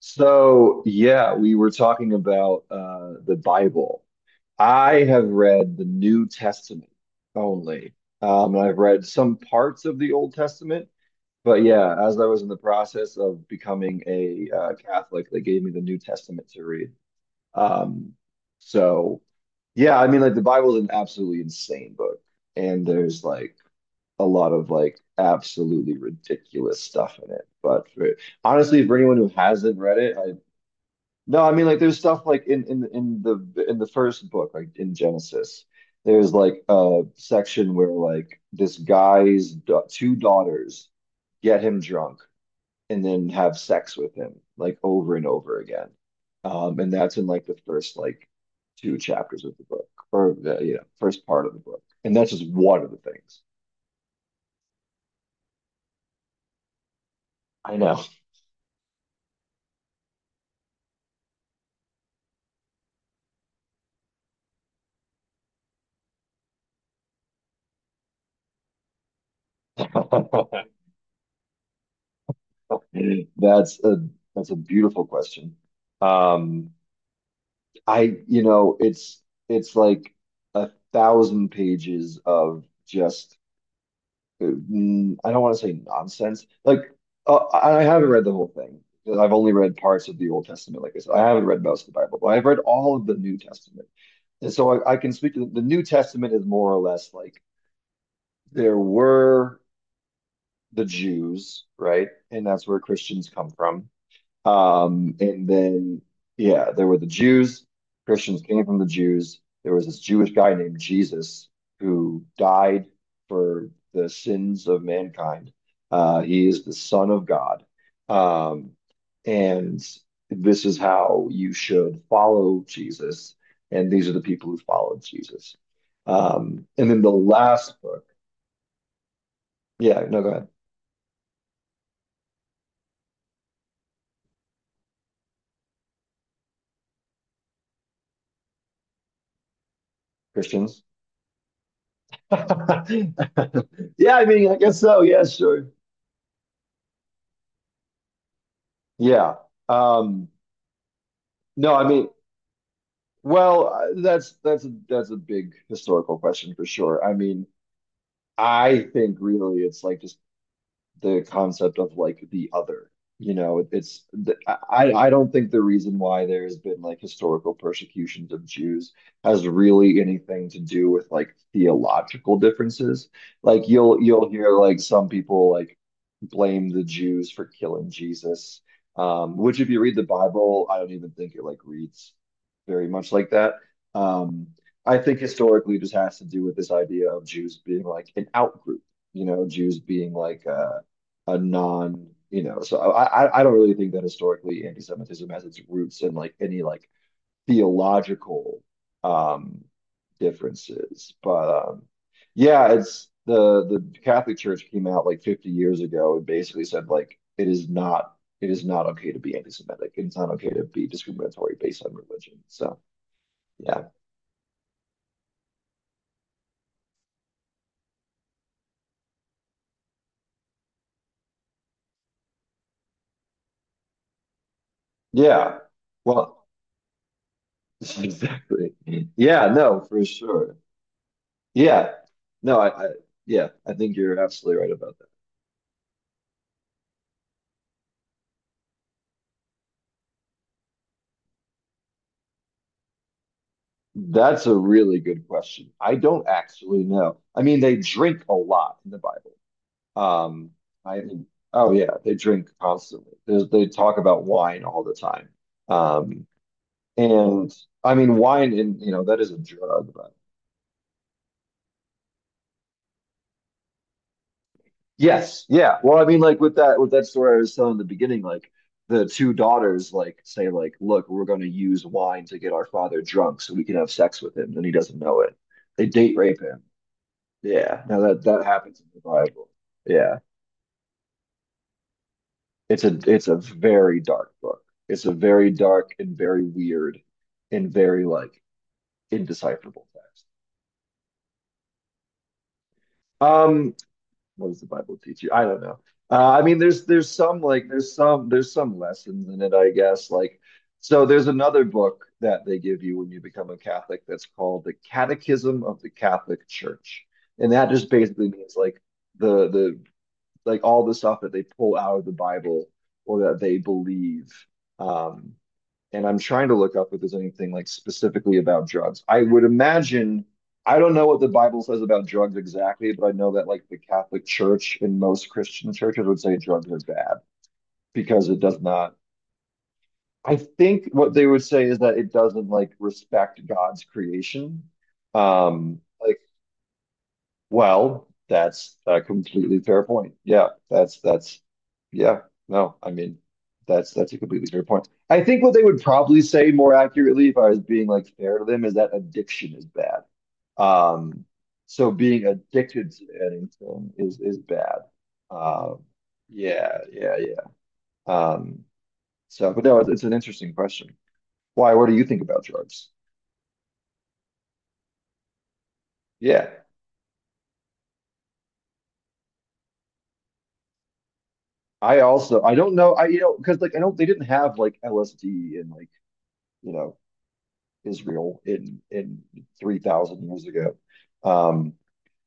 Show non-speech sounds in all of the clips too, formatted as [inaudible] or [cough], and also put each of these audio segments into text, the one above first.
So, yeah, we were talking about the Bible. I have read the New Testament only. And I've read some parts of the Old Testament, but yeah, as I was in the process of becoming a Catholic, they gave me the New Testament to read. Um, so, yeah, I mean, like the Bible is an absolutely insane book, and there's like a lot of like absolutely ridiculous stuff in it. Honestly, for anyone who hasn't read it, no, I mean like there's stuff like in the first book, like in Genesis, there's like a section where like this guy's da two daughters get him drunk and then have sex with him like over and over again. And that's in like the first like two chapters of the book or the first part of the book. And that's just one of the things. I know. [laughs] That's a that's a beautiful question. Um, it's like a thousand pages of just I don't want to say nonsense. Like I haven't read the whole thing 'cause I've only read parts of the Old Testament. Like I said, I haven't read most of the Bible, but I've read all of the New Testament. And so I can speak to the New Testament is more or less like there were the Jews, right? And that's where Christians come from. And then, yeah, there were the Jews. Christians came from the Jews. There was this Jewish guy named Jesus who died for the sins of mankind. He is the Son of God. Um, and this is how you should follow Jesus. And these are the people who followed Jesus. And then the last book. Yeah, no, go ahead. Christians. [laughs] Yeah, I mean, I guess so. Yeah, sure. Yeah. Um, no, I mean, well, that's a big historical question for sure. I mean, I think really it's like just the concept of like the other. You know, I don't think the reason why there has been like historical persecutions of Jews has really anything to do with like theological differences. Like you'll hear like some people like blame the Jews for killing Jesus, which if you read the Bible, I don't even think it like reads very much like that. Um, I think historically it just has to do with this idea of Jews being like an out group, you know, Jews being like a non, you know, so I don't really think that historically anti-Semitism has its roots in like any like theological um differences. But yeah, it's the Catholic Church came out like 50 years ago and basically said like it is not okay to be anti-Semitic. It's not okay to be discriminatory based on religion. So yeah. Yeah. Well, [laughs] exactly. Yeah, no, for sure. Yeah. No, I yeah, I think you're absolutely right about that. That's a really good question. I don't actually know. I mean, they drink a lot in the Bible. Um, I think, oh yeah, they drink constantly. They talk about wine all the time. Um, and I mean, you know, that is a drug, yes, yeah. Well, I mean, like with that story I was telling in the beginning, like the two daughters like say like, look, we're going to use wine to get our father drunk so we can have sex with him, and he doesn't know it. They date rape him. Yeah. Now that happens in the Bible. Yeah. It's a very dark book. It's a very dark and very weird and very like indecipherable text. Um, what does the Bible teach you? I don't know. I mean, there's some like there's some lessons in it, I guess. Like, so there's another book that they give you when you become a Catholic that's called the Catechism of the Catholic Church, and that just basically means like the like all the stuff that they pull out of the Bible or that they believe. Um, and I'm trying to look up if there's anything like specifically about drugs. I would imagine, I don't know what the Bible says about drugs exactly, but I know that like the Catholic Church and most Christian churches would say drugs are bad because it does not. I think what they would say is that it doesn't like respect God's creation. Um, like well, that's a completely fair point. Yeah, that's yeah, no, I mean that's a completely fair point. I think what they would probably say more accurately if I was being like fair to them is that addiction is bad. Um, so being addicted to anything is bad. Um, yeah, yeah, yeah. Um, but no, it's an interesting question. Why? What do you think about drugs? Yeah. I also I don't know I you know because like I don't they didn't have like LSD and like you know Israel in 3,000 years ago. Um,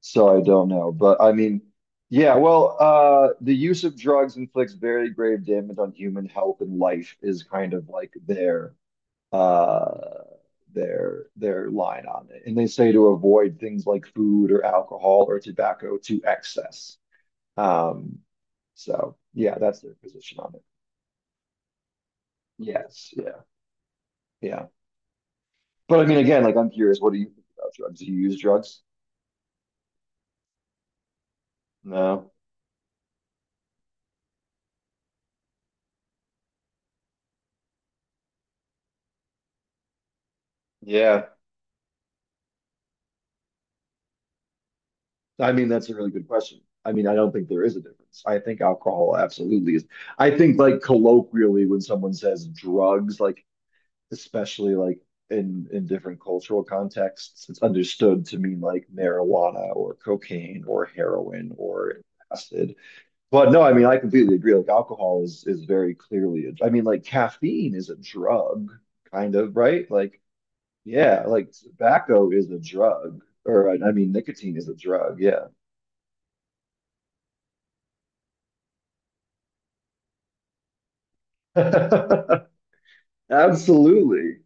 so I don't know, but I mean, yeah. Well, the use of drugs inflicts very grave damage on human health and life is kind of like their uh their line on it, and they say to avoid things like food or alcohol or tobacco to excess. Um, so yeah, that's their position on it. Yes, yeah, yeah. But I mean, again, like I'm curious, what do you think about drugs? Do you use drugs? No. Yeah. I mean, that's a really good question. I mean, I don't think there is a difference. I think alcohol absolutely is. I think like colloquially when someone says drugs, like especially like in different cultural contexts, it's understood to mean like marijuana or cocaine or heroin or acid. But no, I mean, I completely agree. Like alcohol is very clearly I mean, like caffeine is a drug, kind of, right? Like yeah, like tobacco is a drug, or I mean, nicotine is a drug. Yeah, [laughs] absolutely.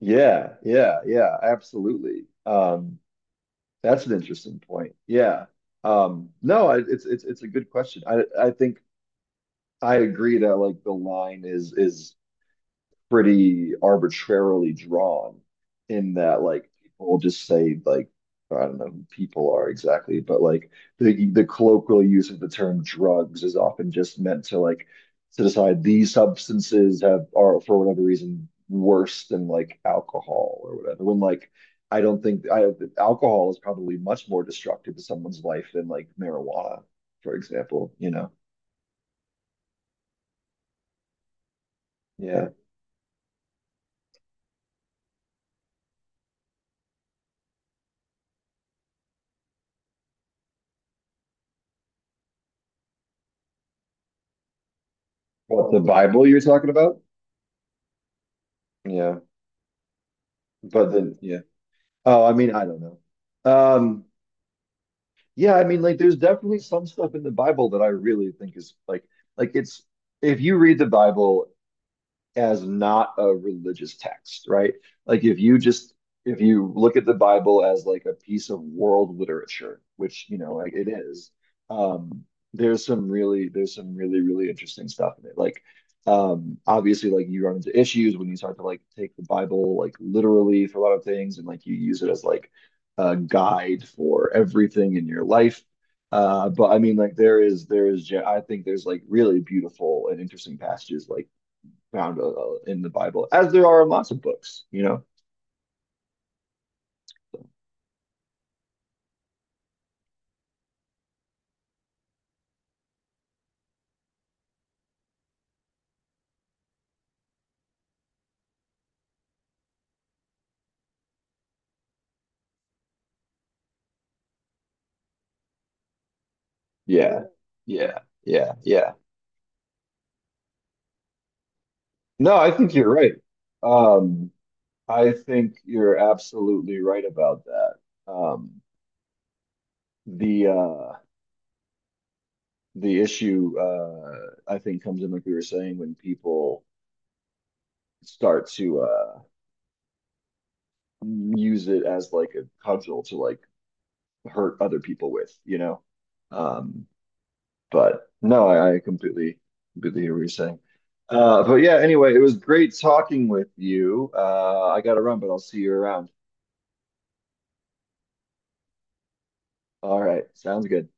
Yeah, yeah, yeah, absolutely. That's an interesting point. Yeah. No, I, it's it's a good question. I think I agree that like the line is pretty arbitrarily drawn in that like people just say like I don't know who people are exactly, but like the colloquial use of the term drugs is often just meant to like to decide these substances have are for whatever reason worse than like alcohol or whatever. When like I don't think I alcohol is probably much more destructive to someone's life than like marijuana, for example, you know. Yeah. What the Bible you're talking about? Yeah. But then yeah. Oh, I mean, I don't know. Um, yeah, I mean, like, there's definitely some stuff in the Bible that I really think is like it's if you read the Bible as not a religious text, right? Like if you look at the Bible as like a piece of world literature, which you know like it is, um, there's some really really interesting stuff in it. Like obviously like you run into issues when you start to like take the Bible like literally for a lot of things, and like you use it as like a guide for everything in your life. But I mean, like I think there's like really beautiful and interesting passages like found in the Bible, as there are in lots of books, you know? Yeah, yeah, yeah, yeah. No, I think you're right. Um, I think you're absolutely right about that. Um, the uh, the issue I think comes in, like we were saying, when people start to use it as like a cudgel to like hurt other people with, you know? Um, But no, I completely hear what you're saying. But yeah, anyway, it was great talking with you. I gotta run, but I'll see you around. All right, sounds good.